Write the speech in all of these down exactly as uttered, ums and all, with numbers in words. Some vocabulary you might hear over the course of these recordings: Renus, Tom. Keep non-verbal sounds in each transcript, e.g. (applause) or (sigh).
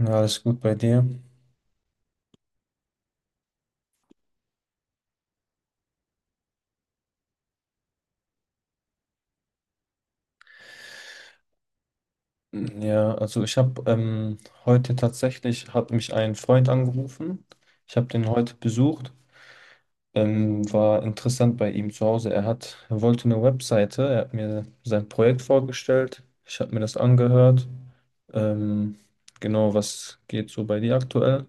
Ja, alles gut bei dir. Ja, also ich habe ähm, heute tatsächlich, hat mich ein Freund angerufen. Ich habe den heute besucht. Ähm, war interessant bei ihm zu Hause. Er hat, er wollte eine Webseite. Er hat mir sein Projekt vorgestellt. Ich habe mir das angehört. Ähm, genau, was geht so bei dir aktuell?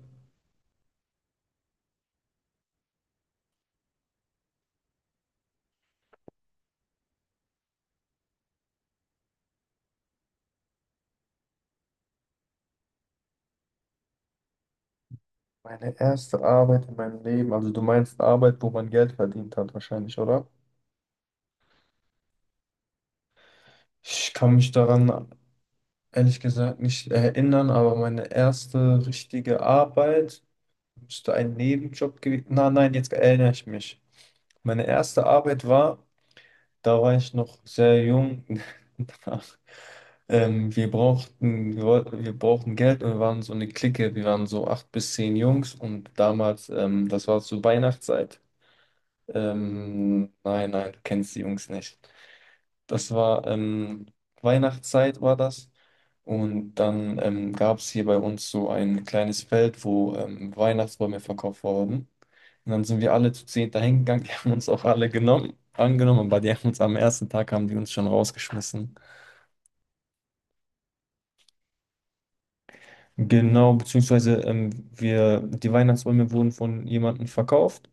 Meine erste Arbeit in meinem Leben, also du meinst Arbeit, wo man Geld verdient hat, wahrscheinlich, oder? Ich kann mich daran ehrlich gesagt nicht erinnern, aber meine erste richtige Arbeit müsste ein Nebenjob gewesen. Na, nein, jetzt erinnere ich mich. Meine erste Arbeit war, da war ich noch sehr jung. (laughs) da- Ähm, wir brauchten, wir wollten, wir brauchten Geld und wir waren so eine Clique. Wir waren so acht bis zehn Jungs und damals, ähm, das war zur Weihnachtszeit. Ähm, nein, nein, du kennst die Jungs nicht. Das war ähm, Weihnachtszeit war das. Und dann ähm, gab es hier bei uns so ein kleines Feld, wo ähm, Weihnachtsbäume verkauft wurden. Und dann sind wir alle zu zehn dahin gegangen. (laughs) Die haben uns auch alle genommen, angenommen, aber die haben uns am ersten Tag haben die uns schon rausgeschmissen. Genau, beziehungsweise ähm, wir, die Weihnachtsbäume wurden von jemandem verkauft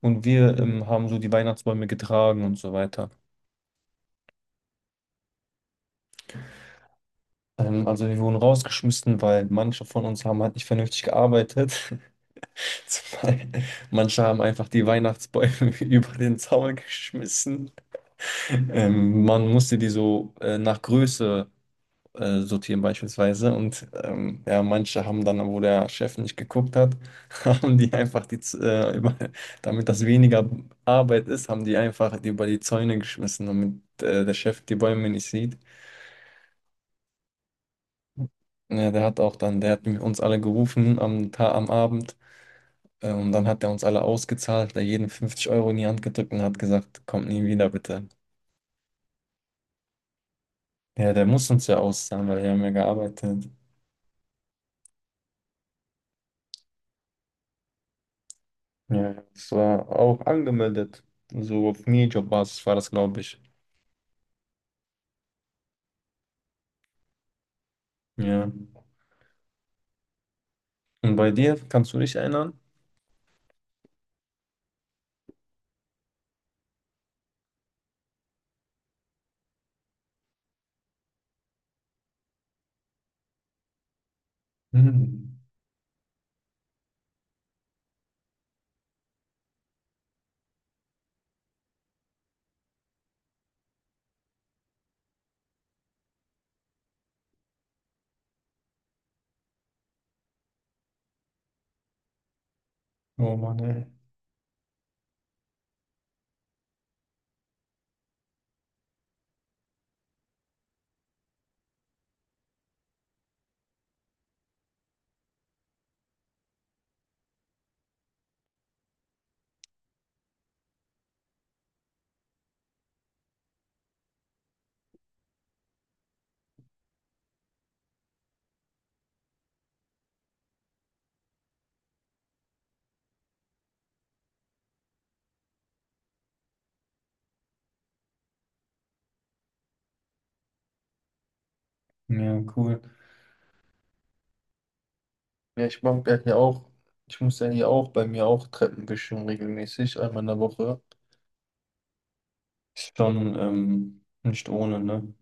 und wir ähm, haben so die Weihnachtsbäume getragen und so weiter. Ähm, also wir wurden rausgeschmissen, weil manche von uns haben halt nicht vernünftig gearbeitet. (laughs) Zwei. Manche haben einfach die Weihnachtsbäume (laughs) über den Zaun geschmissen. Ähm, man musste die so äh, nach Größe äh, sortieren beispielsweise. Und ähm, ja, manche haben dann, wo der Chef nicht geguckt hat, (laughs) haben die einfach die, Z- äh, über, damit das weniger Arbeit ist, haben die einfach die über die Zäune geschmissen, damit äh, der Chef die Bäume nicht sieht. Ja, der hat auch dann, der hat uns alle gerufen am, Ta- am Abend. Äh, Und dann hat er uns alle ausgezahlt, da jeden fünfzig Euro in die Hand gedrückt und hat gesagt, kommt nie wieder, bitte. Ja, der muss uns ja auszahlen, weil wir haben ja gearbeitet. Ja, ja, das war auch angemeldet. So auf Minijobbasis war das, glaube ich. Ja. Und bei dir, kannst du dich erinnern? (laughs) Hm. Oh Mann, ey. Ja, cool. Ja, ich mach ja hier auch, ich muss ja hier auch bei mir auch Treppen wischen regelmäßig, einmal in der Woche. Ist Schon ähm, nicht ohne, ne?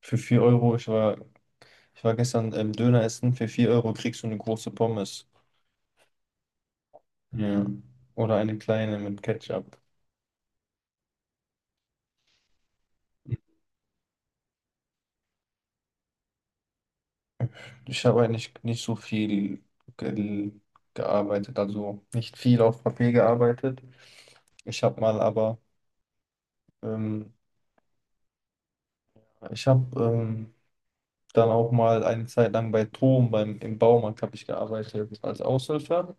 Für vier Euro, ich war Ich war gestern ähm, Döner essen. Für vier Euro kriegst du eine große Pommes. Ja. Oder eine kleine mit Ketchup. Ich habe eigentlich nicht so viel ge gearbeitet, also nicht viel auf Papier gearbeitet. Ich habe mal aber, ähm, ich habe ähm, dann auch mal eine Zeit lang bei Tom, beim, im Baumarkt habe ich gearbeitet als Aushilfe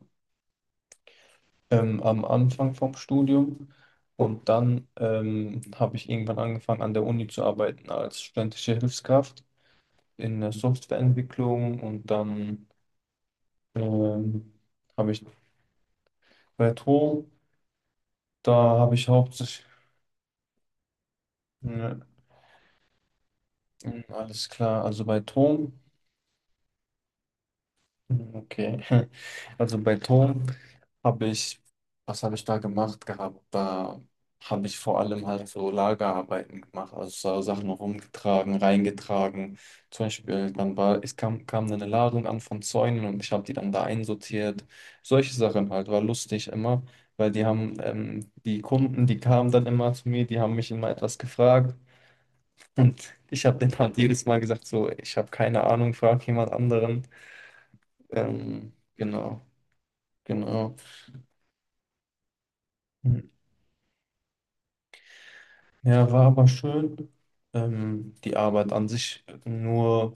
ähm, am Anfang vom Studium. Und dann ähm, habe ich irgendwann angefangen an der Uni zu arbeiten als studentische Hilfskraft in der Softwareentwicklung, und dann ähm, habe ich bei Tom, da habe ich hauptsächlich, ne, alles klar, also bei Tom. Okay. (laughs) Also bei Ton habe ich, was habe ich da gemacht gehabt? Da habe ich vor allem halt so Lagerarbeiten gemacht, also so Sachen rumgetragen, reingetragen. Zum Beispiel, dann war, es kam, kam dann eine Ladung an von Zäunen und ich habe die dann da einsortiert. Solche Sachen halt, war lustig immer, weil die haben, ähm, die Kunden, die kamen dann immer zu mir, die haben mich immer etwas gefragt. Ich habe denen halt (laughs) jedes Mal gesagt, so, ich habe keine Ahnung, frag jemand anderen. Ähm, genau. Genau. Ja, war aber schön. Ähm, die Arbeit an sich, nur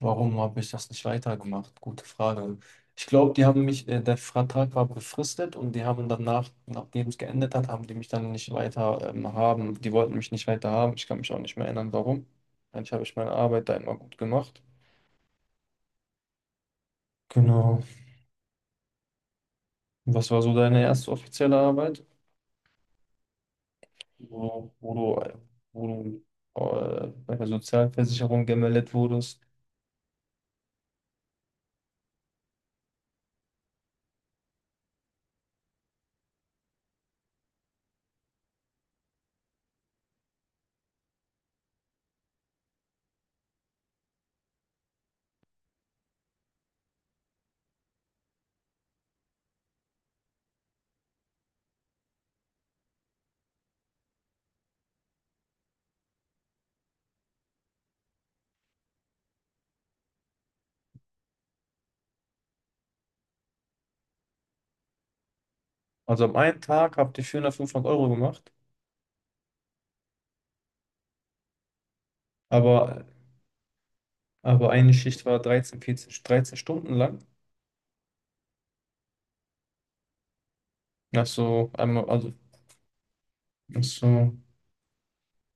warum habe ich das nicht weitergemacht? Gute Frage. Ich glaube, die haben mich, äh, der Vertrag war befristet und die haben danach, nachdem es geendet hat, haben die mich dann nicht weiter, ähm, haben. Die wollten mich nicht weiter haben. Ich kann mich auch nicht mehr erinnern, warum. Eigentlich habe ich meine Arbeit da immer gut gemacht. Genau. Was war so deine erste offizielle Arbeit, wo, wo du, äh, wo du äh, bei der Sozialversicherung gemeldet wurdest? Also am einen Tag habt ihr vierhundert, fünfhundert Euro gemacht, aber, aber eine Schicht war dreizehn, vierzehn, dreizehn Stunden lang. Ach so, einmal, also, ach so,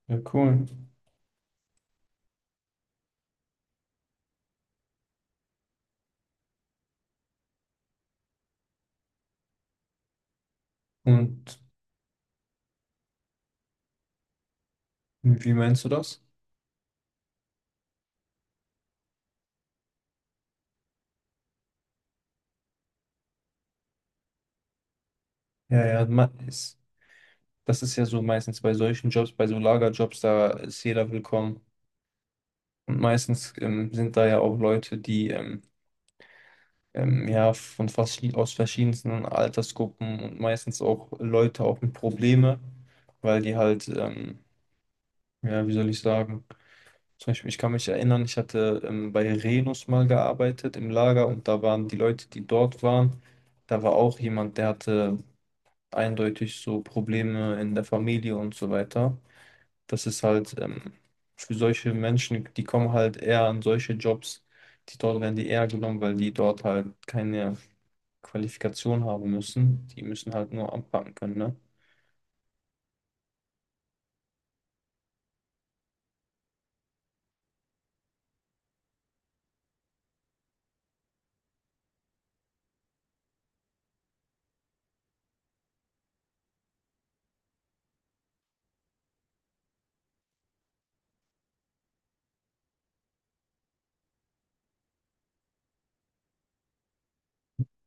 ja cool. Und wie meinst du das? Ja, ja, ma- ist, das ist ja so meistens bei solchen Jobs, bei so Lagerjobs, da ist jeder willkommen. Und meistens ähm, sind da ja auch Leute, die ähm, ähm, ja von verschied aus verschiedensten Altersgruppen und meistens auch Leute auch mit Probleme, weil die halt, ähm, ja, wie soll ich sagen, Zum Beispiel, ich kann mich erinnern, ich hatte ähm, bei Renus mal gearbeitet im Lager und da waren die Leute, die dort waren, da war auch jemand, der hatte eindeutig so Probleme in der Familie und so weiter. Das ist halt ähm, für solche Menschen, die kommen halt eher an solche Jobs, die dort werden die eher genommen, weil die dort halt keine Qualifikation haben müssen. Die müssen halt nur anpacken können, ne?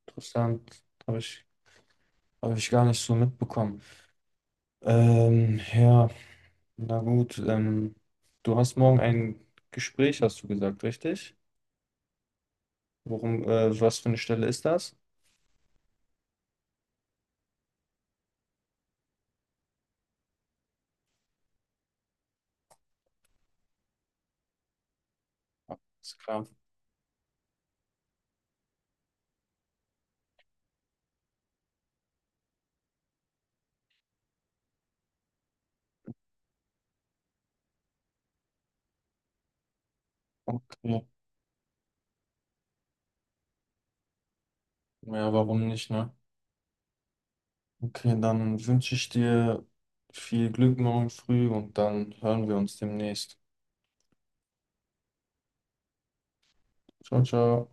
Interessant, habe ich, habe ich gar nicht so mitbekommen. Ähm, ja. Na gut, ähm, du hast morgen ein Gespräch, hast du gesagt, richtig? Worum, äh, was für eine Stelle ist das? Ist klar. Okay. Ja, warum nicht, ne? Okay, dann wünsche ich dir viel Glück morgen früh und dann hören wir uns demnächst. Ciao, ciao.